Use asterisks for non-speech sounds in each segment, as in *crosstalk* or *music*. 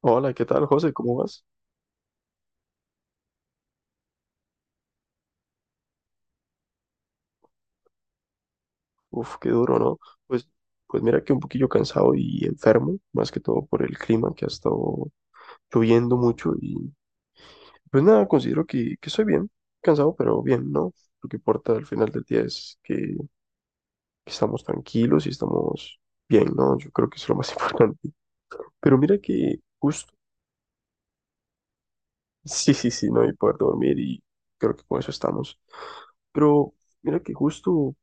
Hola, ¿qué tal, José? ¿Cómo vas? Uf, qué duro, ¿no? Pues, pues mira que un poquillo cansado y enfermo, más que todo por el clima que ha estado lloviendo mucho y pues nada, considero que estoy bien, cansado, pero bien, ¿no? Lo que importa al final del día es que estamos tranquilos y estamos bien, ¿no? Yo creo que eso es lo más *laughs* importante. Pero mira que justo, *laughs* sí, sí, sí, no y poder dormir y creo que con eso estamos. Pero mira que justo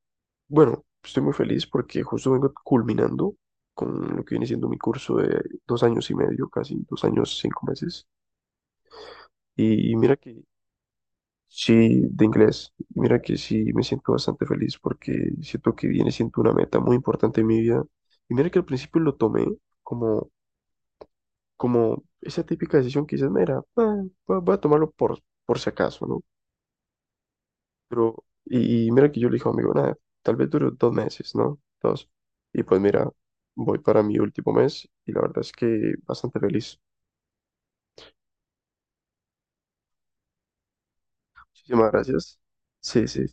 Bueno, estoy muy feliz porque justo vengo culminando con lo que viene siendo mi curso de 2 años y medio, casi 2 años, 5 meses. Y mira que sí, de inglés, mira que sí me siento bastante feliz porque siento que viene siendo una meta muy importante en mi vida. Y mira que al principio lo tomé como, como esa típica decisión que dices, mira, voy a tomarlo por si acaso, ¿no? Pero, y mira que yo le dije amigo, nada, tal vez dure 2 meses, ¿no? Dos. Y pues mira, voy para mi último mes y la verdad es que bastante feliz. Muchísimas gracias. Sí, sí.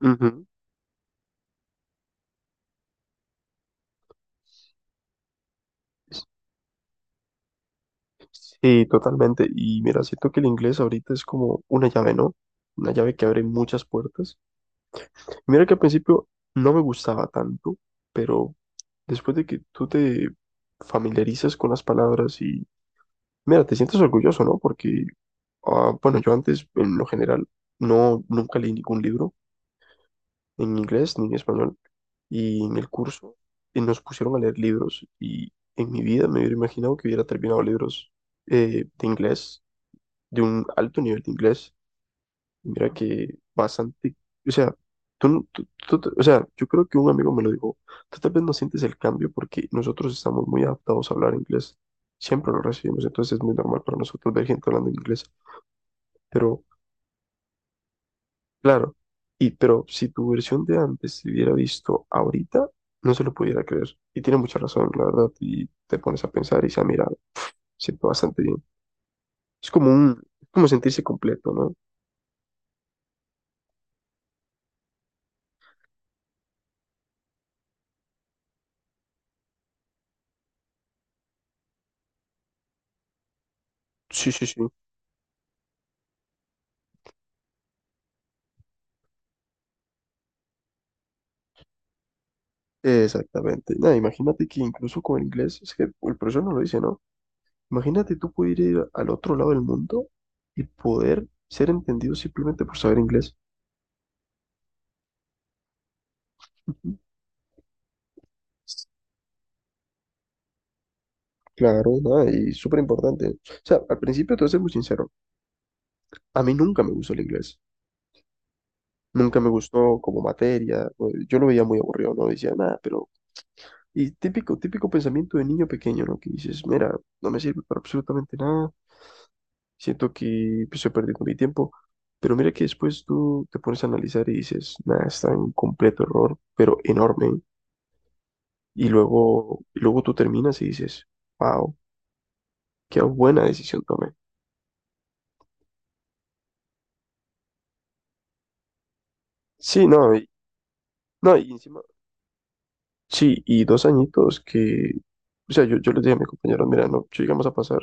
Ujú. Sí, totalmente. Y mira, siento que el inglés ahorita es como una llave, ¿no? Una llave que abre muchas puertas. Mira que al principio no me gustaba tanto, pero después de que tú te familiarizas con las palabras y, mira, te sientes orgulloso, ¿no? Porque ah, bueno, yo antes, en lo general, no, nunca leí ningún libro en inglés ni en español. Y en el curso nos pusieron a leer libros y en mi vida me hubiera imaginado que hubiera terminado libros de inglés, de un alto nivel de inglés. Y mira que bastante, o sea, tú, no- tú- tú te- o sea, yo creo que un amigo me lo dijo, tú tal vez no sientes el cambio porque nosotros estamos muy adaptados a hablar inglés. Siempre lo recibimos, entonces es muy normal para nosotros ver gente hablando inglés, pero... Claro, y pero si tu versión de antes se hubiera visto ahorita, no se lo pudiera creer. Y tiene mucha razón, la verdad, y te pones a pensar y se mira, siento bastante bien. Es como un, es como sentirse completo, ¿no? Sí, sí, sí. Exactamente. Nada, imagínate que incluso con el inglés, es que el profesor no lo dice, ¿no? Imagínate tú poder ir al otro lado del mundo y poder ser entendido simplemente por saber inglés. Ujú. Claro, nada, y súper importante. O sea, al principio te voy a ser muy sincero, a mí nunca me gustó el inglés. Nunca me gustó como materia. Yo lo veía muy aburrido, no decía nada, pero... Y típico, típico pensamiento de niño pequeño, ¿no? Que dices, mira, no me sirve para absolutamente nada, siento que pues, estoy perdiendo mi tiempo. Pero mira que después tú te pones a analizar y dices, nada, está en un completo error, pero enorme. Y luego tú terminas y dices, wow, qué buena decisión tomé. Sí, no, no, y encima, sí, y 2 añitos que, o sea, yo les dije a mis compañeros, mira, no, si llegamos a pasar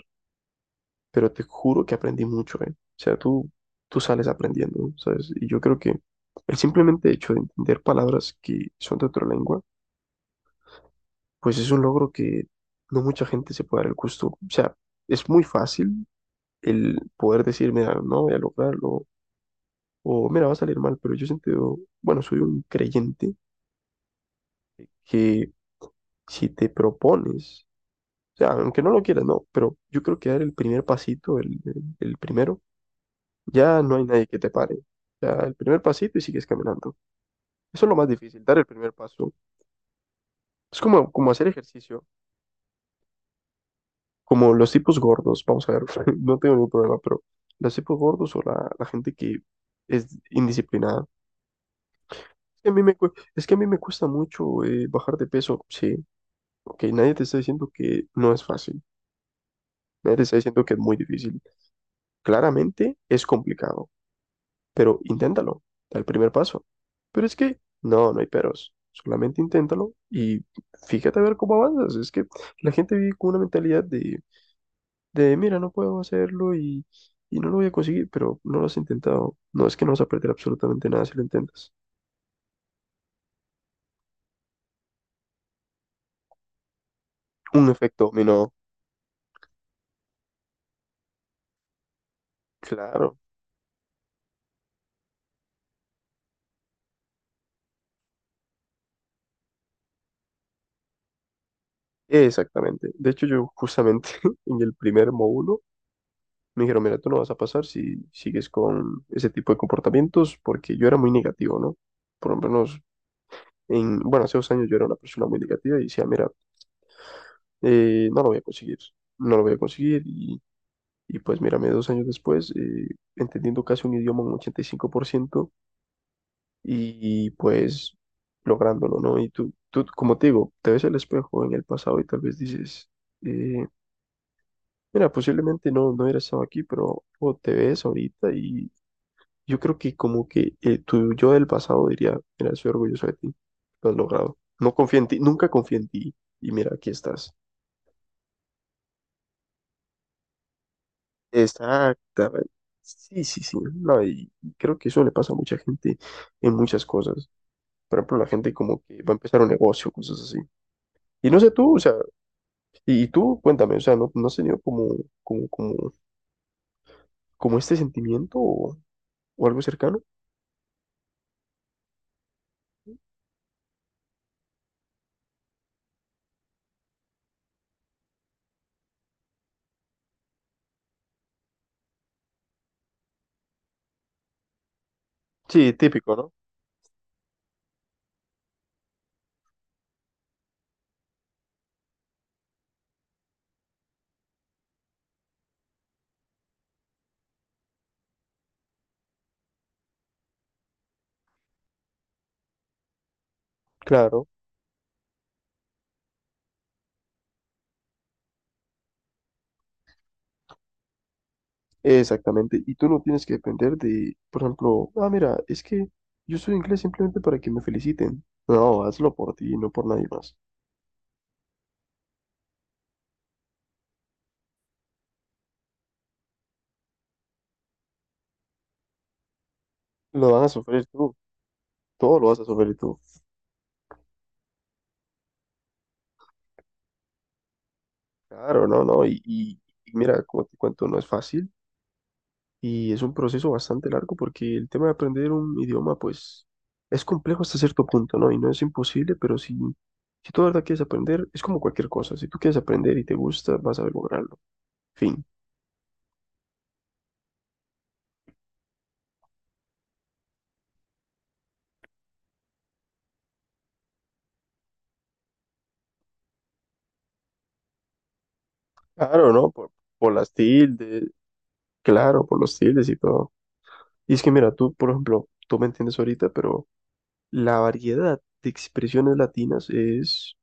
pero te juro que aprendí mucho, ¿eh? O sea, tú sales aprendiendo, ¿sabes? Y yo creo que el simplemente hecho de entender palabras que son de otra lengua, pues es un logro que no mucha gente se puede dar el gusto. O sea, es muy fácil el poder decir, mira, no voy a lograrlo, o mira, va a salir mal, pero yo siento, bueno, soy un creyente que si te propones, o sea, aunque no lo quieras, no, pero yo creo que dar el primer pasito, el primero, ya no hay nadie que te pare. Ya el primer pasito y sigues caminando. Eso es lo más difícil, dar el primer paso. Es como, como hacer ejercicio, como los tipos gordos, vamos a ver, *laughs* no tengo ningún problema, pero los tipos gordos o la gente que es indisciplinada. Es que a mí me cuesta mucho bajar de peso, sí. Ok, nadie te está diciendo que no es fácil. Nadie te está diciendo que es muy difícil. Claramente es complicado, pero inténtalo, da el primer paso. Pero es que, no, no hay peros, solamente inténtalo y fíjate a ver cómo avanzas. Es que la gente vive con una mentalidad de mira, no puedo hacerlo y no lo voy a conseguir, pero no lo has intentado. No es que no vas a perder absolutamente nada si lo intentas. Un efecto dominó, claro, exactamente. De hecho, yo justamente *laughs* en el primer módulo me dijeron, mira, tú no vas a pasar si sigues con ese tipo de comportamientos, porque yo era muy negativo, ¿no? Por lo menos en, bueno, hace 2 años yo era una persona muy negativa y decía, mira, no lo voy a conseguir, no lo voy a conseguir. Y pues mírame, 2 años después, entendiendo casi un idioma un 85% y 5% y pues lográndolo, ¿no? Y tú, como te digo, te ves el espejo en el pasado y tal vez dices, eh, mira, posiblemente no, no hubiera estado aquí, pero o te ves ahorita y yo creo que como que tu yo del pasado diría, mira, soy orgulloso de ti, lo has logrado. No confía en ti, nunca confía en ti y mira, aquí estás. Exactamente. Sí, sí, sí. No, y creo que eso le pasa a mucha gente en muchas cosas. Por ejemplo, la gente como que va a empezar un negocio, cosas así. Y no sé tú, o sea, y tú, cuéntame, o sea, ¿no, no has tenido como, como, como este sentimiento o algo cercano? Sí, típico, ¿no? Claro, exactamente. Y tú no tienes que depender de, por ejemplo, ah, mira, es que yo soy inglés simplemente para que me feliciten. No, hazlo por ti, no por nadie más. Lo vas a sufrir tú, todo lo vas a sufrir tú. Claro, no, no, y mira, como te cuento, no es fácil y es un proceso bastante largo porque el tema de aprender un idioma, pues, es complejo hasta cierto punto, ¿no? Y no es imposible, pero si, tú de verdad quieres aprender, es como cualquier cosa, si tú quieres aprender y te gusta, vas a lograrlo, fin. Claro, ¿no? Por las tildes, claro, por los tildes y todo. Y es que mira, tú, por ejemplo, tú me entiendes ahorita, pero la variedad de expresiones latinas es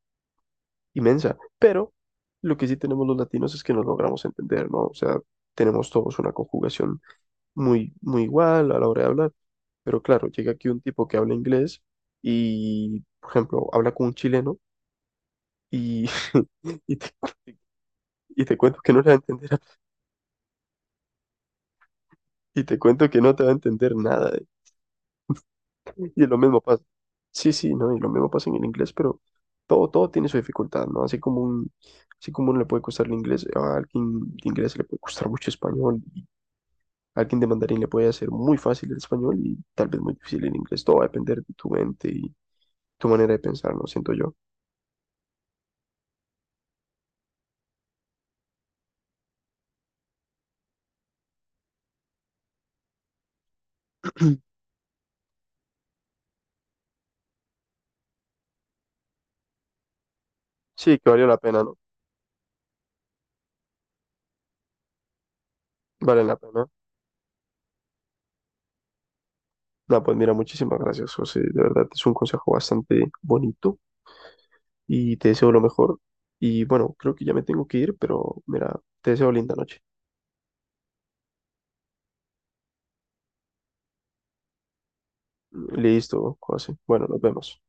inmensa, pero lo que sí tenemos los latinos es que nos logramos entender, ¿no? O sea, tenemos todos una conjugación muy, muy igual a la hora de hablar, pero claro, llega aquí un tipo que habla inglés y, por ejemplo, habla con un chileno y, *laughs* y, te, y te cuento que no le va a entender, *laughs* y te cuento que no te va a entender nada, ¿eh? Y lo mismo pasa. Sí, sí, ¿no? Y lo mismo pasa en el inglés, pero todo, todo tiene su dificultad, ¿no? Así como uno le puede costar el inglés, a alguien de inglés le puede costar mucho español. Alguien de mandarín le puede hacer muy fácil el español y tal vez muy difícil el inglés. Todo va a depender de tu mente y tu manera de pensar, ¿no? Siento yo. Sí, que valió la pena, ¿no? Vale la pena. Nada, pues mira, muchísimas gracias, José. De verdad, es un consejo bastante bonito y te deseo lo mejor. Y bueno, creo que ya me tengo que ir, pero mira, te deseo linda noche. Listo, José. Bueno, nos vemos.